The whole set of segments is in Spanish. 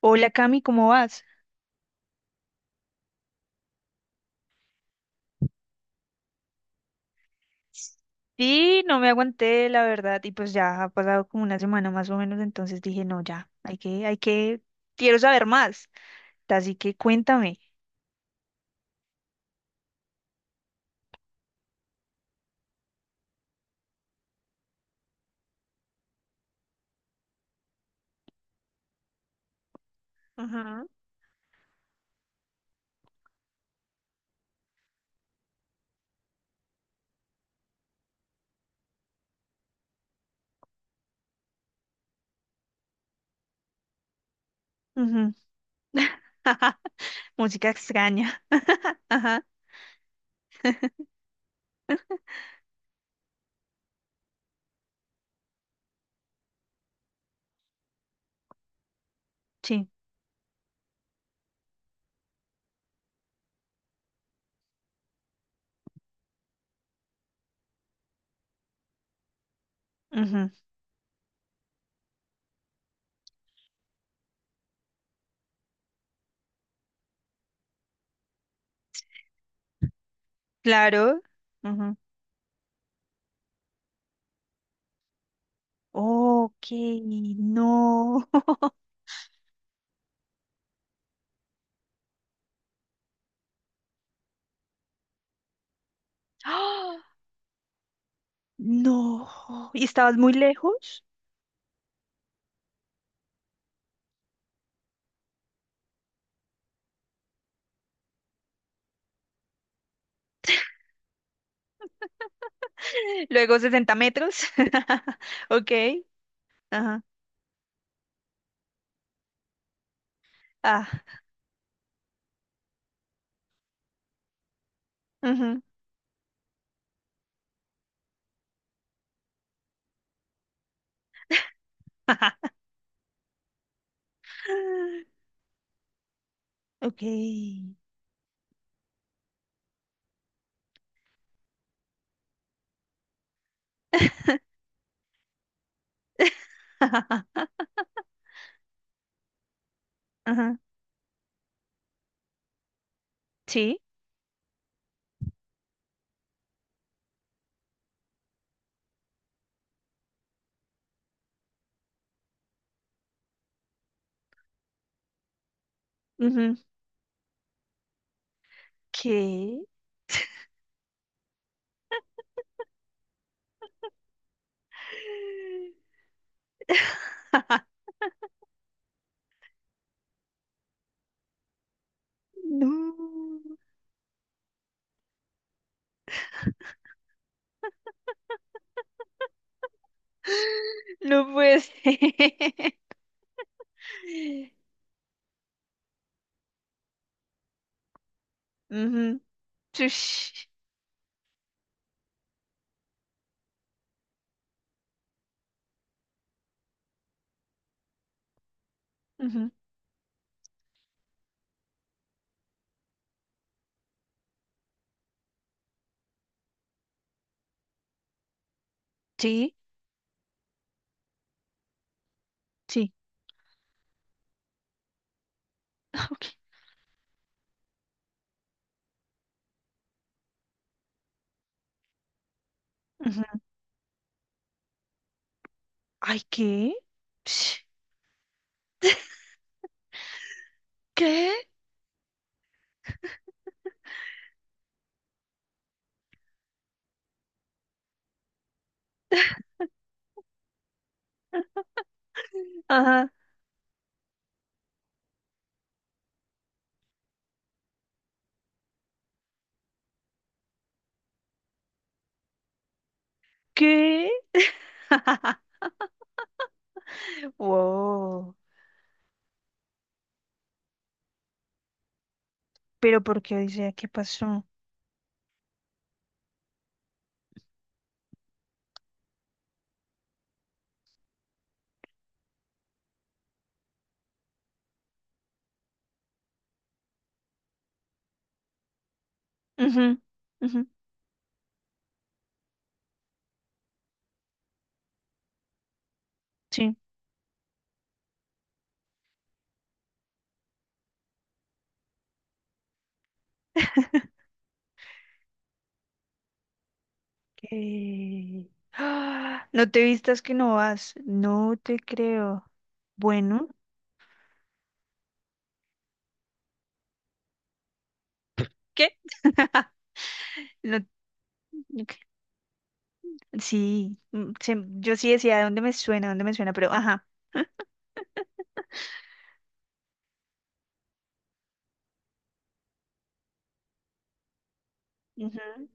Hola Cami, ¿cómo vas? Sí, no me aguanté, la verdad, y pues ya ha pasado como una semana más o menos, entonces dije, no, ya, hay que, quiero saber más, así que cuéntame. Ajá. Ujú. Música extraña. Ajá, sí. Ujú. Claro. Ujú. Ok, no. ¡Ah! No. ¿Y estabas muy lejos? Luego 60 metros. Ok. Ajá. Ah. Ujú. Ok. Ajá. Sí. Ujú. ¿Qué? No, no puede ser. Ujú. Tush. Ujú. Sí, sí. Ok. Ujú. Ay, ¿qué? Sh, ¿qué? Ajá. ¿Qué? Wow. Pero ¿por qué dice qué pasó? Ujú, ujú, sí. ¡Ah! No te vistas que no vas. No te creo. Bueno, ¿qué? No, ok, sí. Yo sí decía dónde me suena, pero ajá. Ujú,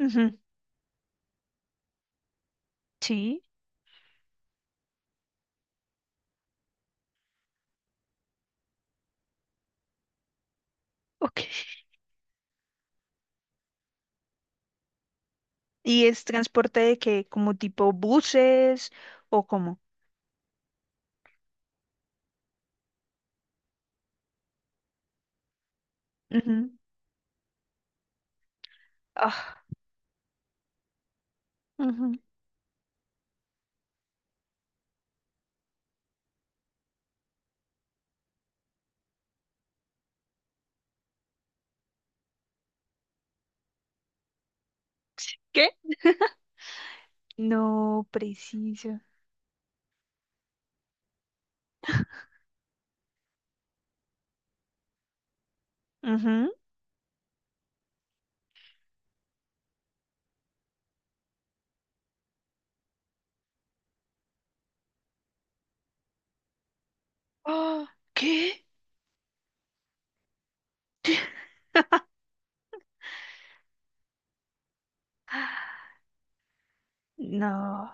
ujú, sí. Ok. ¿Y es transporte de qué? ¿Como tipo buses o cómo? Ujú. Ah, ujú, ¿qué? No preciso. Ujú. Ah, ¿qué? Ah, no.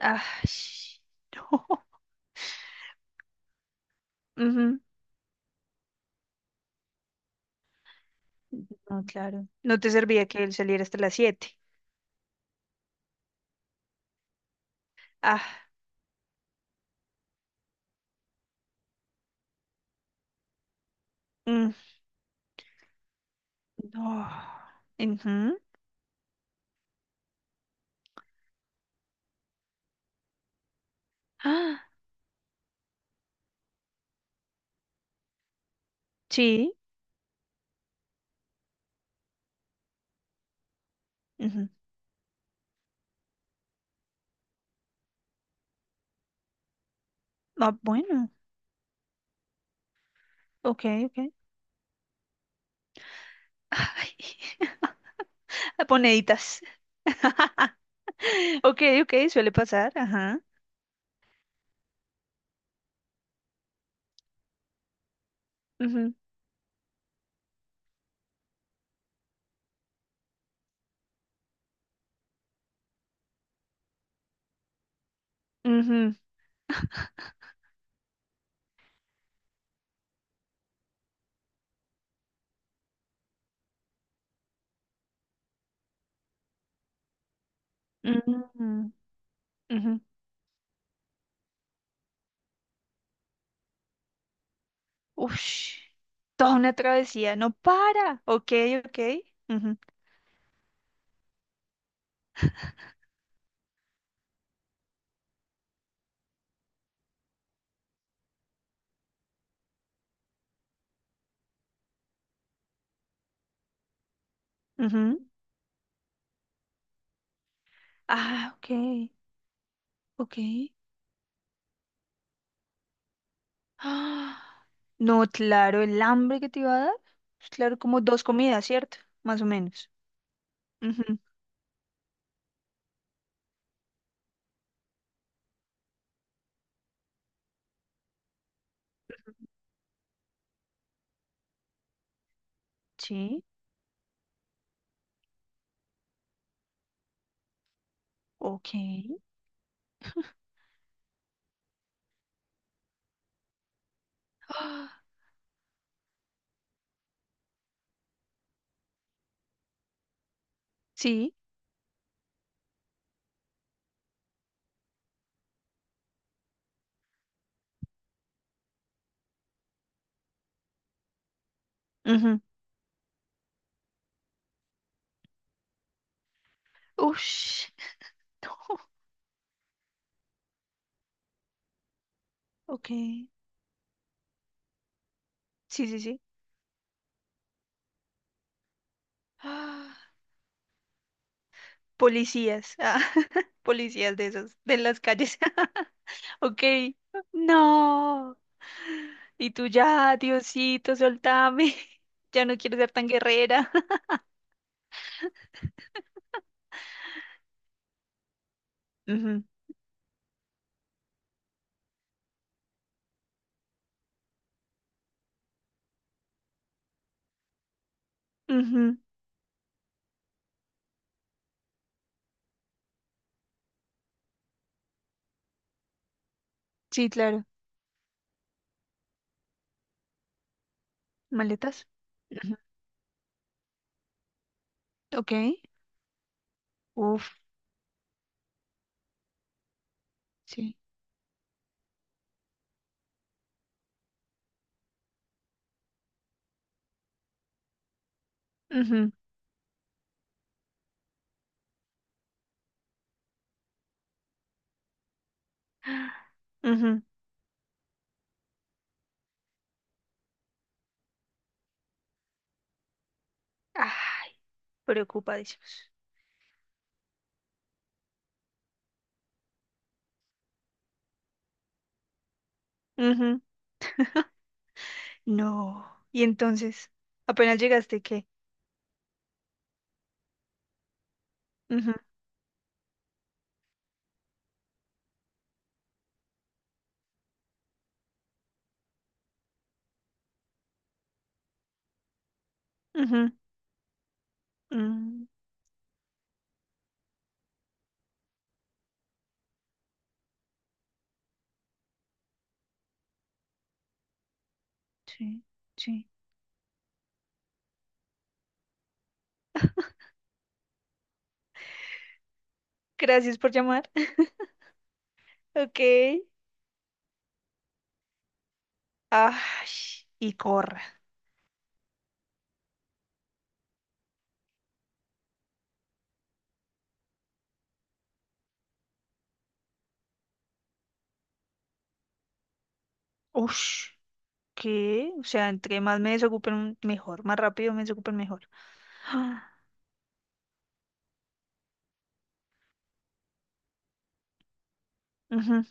Ah, no. No, claro. No te servía que él saliera hasta las siete. Ah, mm, no. Ujú. Ah, sí. Ujú. Ah, bueno. Ok, ok. Ay, Poneditas. Ok, ok, suele pasar. Ajá. Ujú, ujú, ujú, ujú. Ush, toda una travesía. No para. Ok, ok. Ujú, ujú. Ah, ok, ok. No, claro, el hambre que te iba a dar. Pues, claro, como dos comidas, ¿cierto? Más o menos. Ujú. Sí, ok. Ah, sí. Ujú. Ush, no, ok. Sí, sí, sí. Ah, policías, ah, policías de esos de las calles. Ok. No. Y tú ya, Diosito, soltame. Ya no quiero ser tan guerrera. Ujú, ujú. Sí, claro. Maletas. Ujú. Ok. Uf, sí. Ujú, ujú. Ah, preocupadísimos. Ujú. No. Y entonces, apenas llegaste, ¿qué? Ujú, ujú, mm, sí, sí. Gracias por llamar. Ok. Ay, y corra. Ush. ¿Qué? O sea, entre más me desocupen, mejor. Más rápido me desocupen, mejor. Ah, ujú,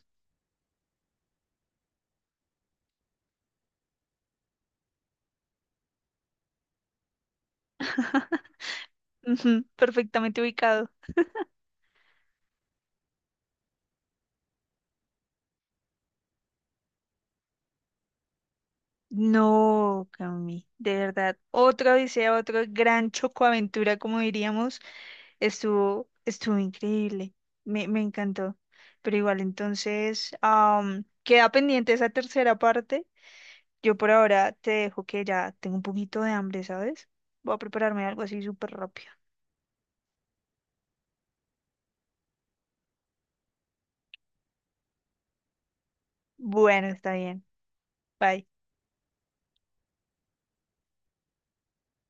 ujú, perfectamente ubicado. No, Cami, de verdad. Otra odisea, otra gran chocoaventura, como diríamos, estuvo, estuvo increíble. Me encantó. Pero igual, entonces, queda pendiente esa tercera parte. Yo por ahora te dejo que ya tengo un poquito de hambre, ¿sabes? Voy a prepararme algo así súper rápido. Bueno, está bien. Bye.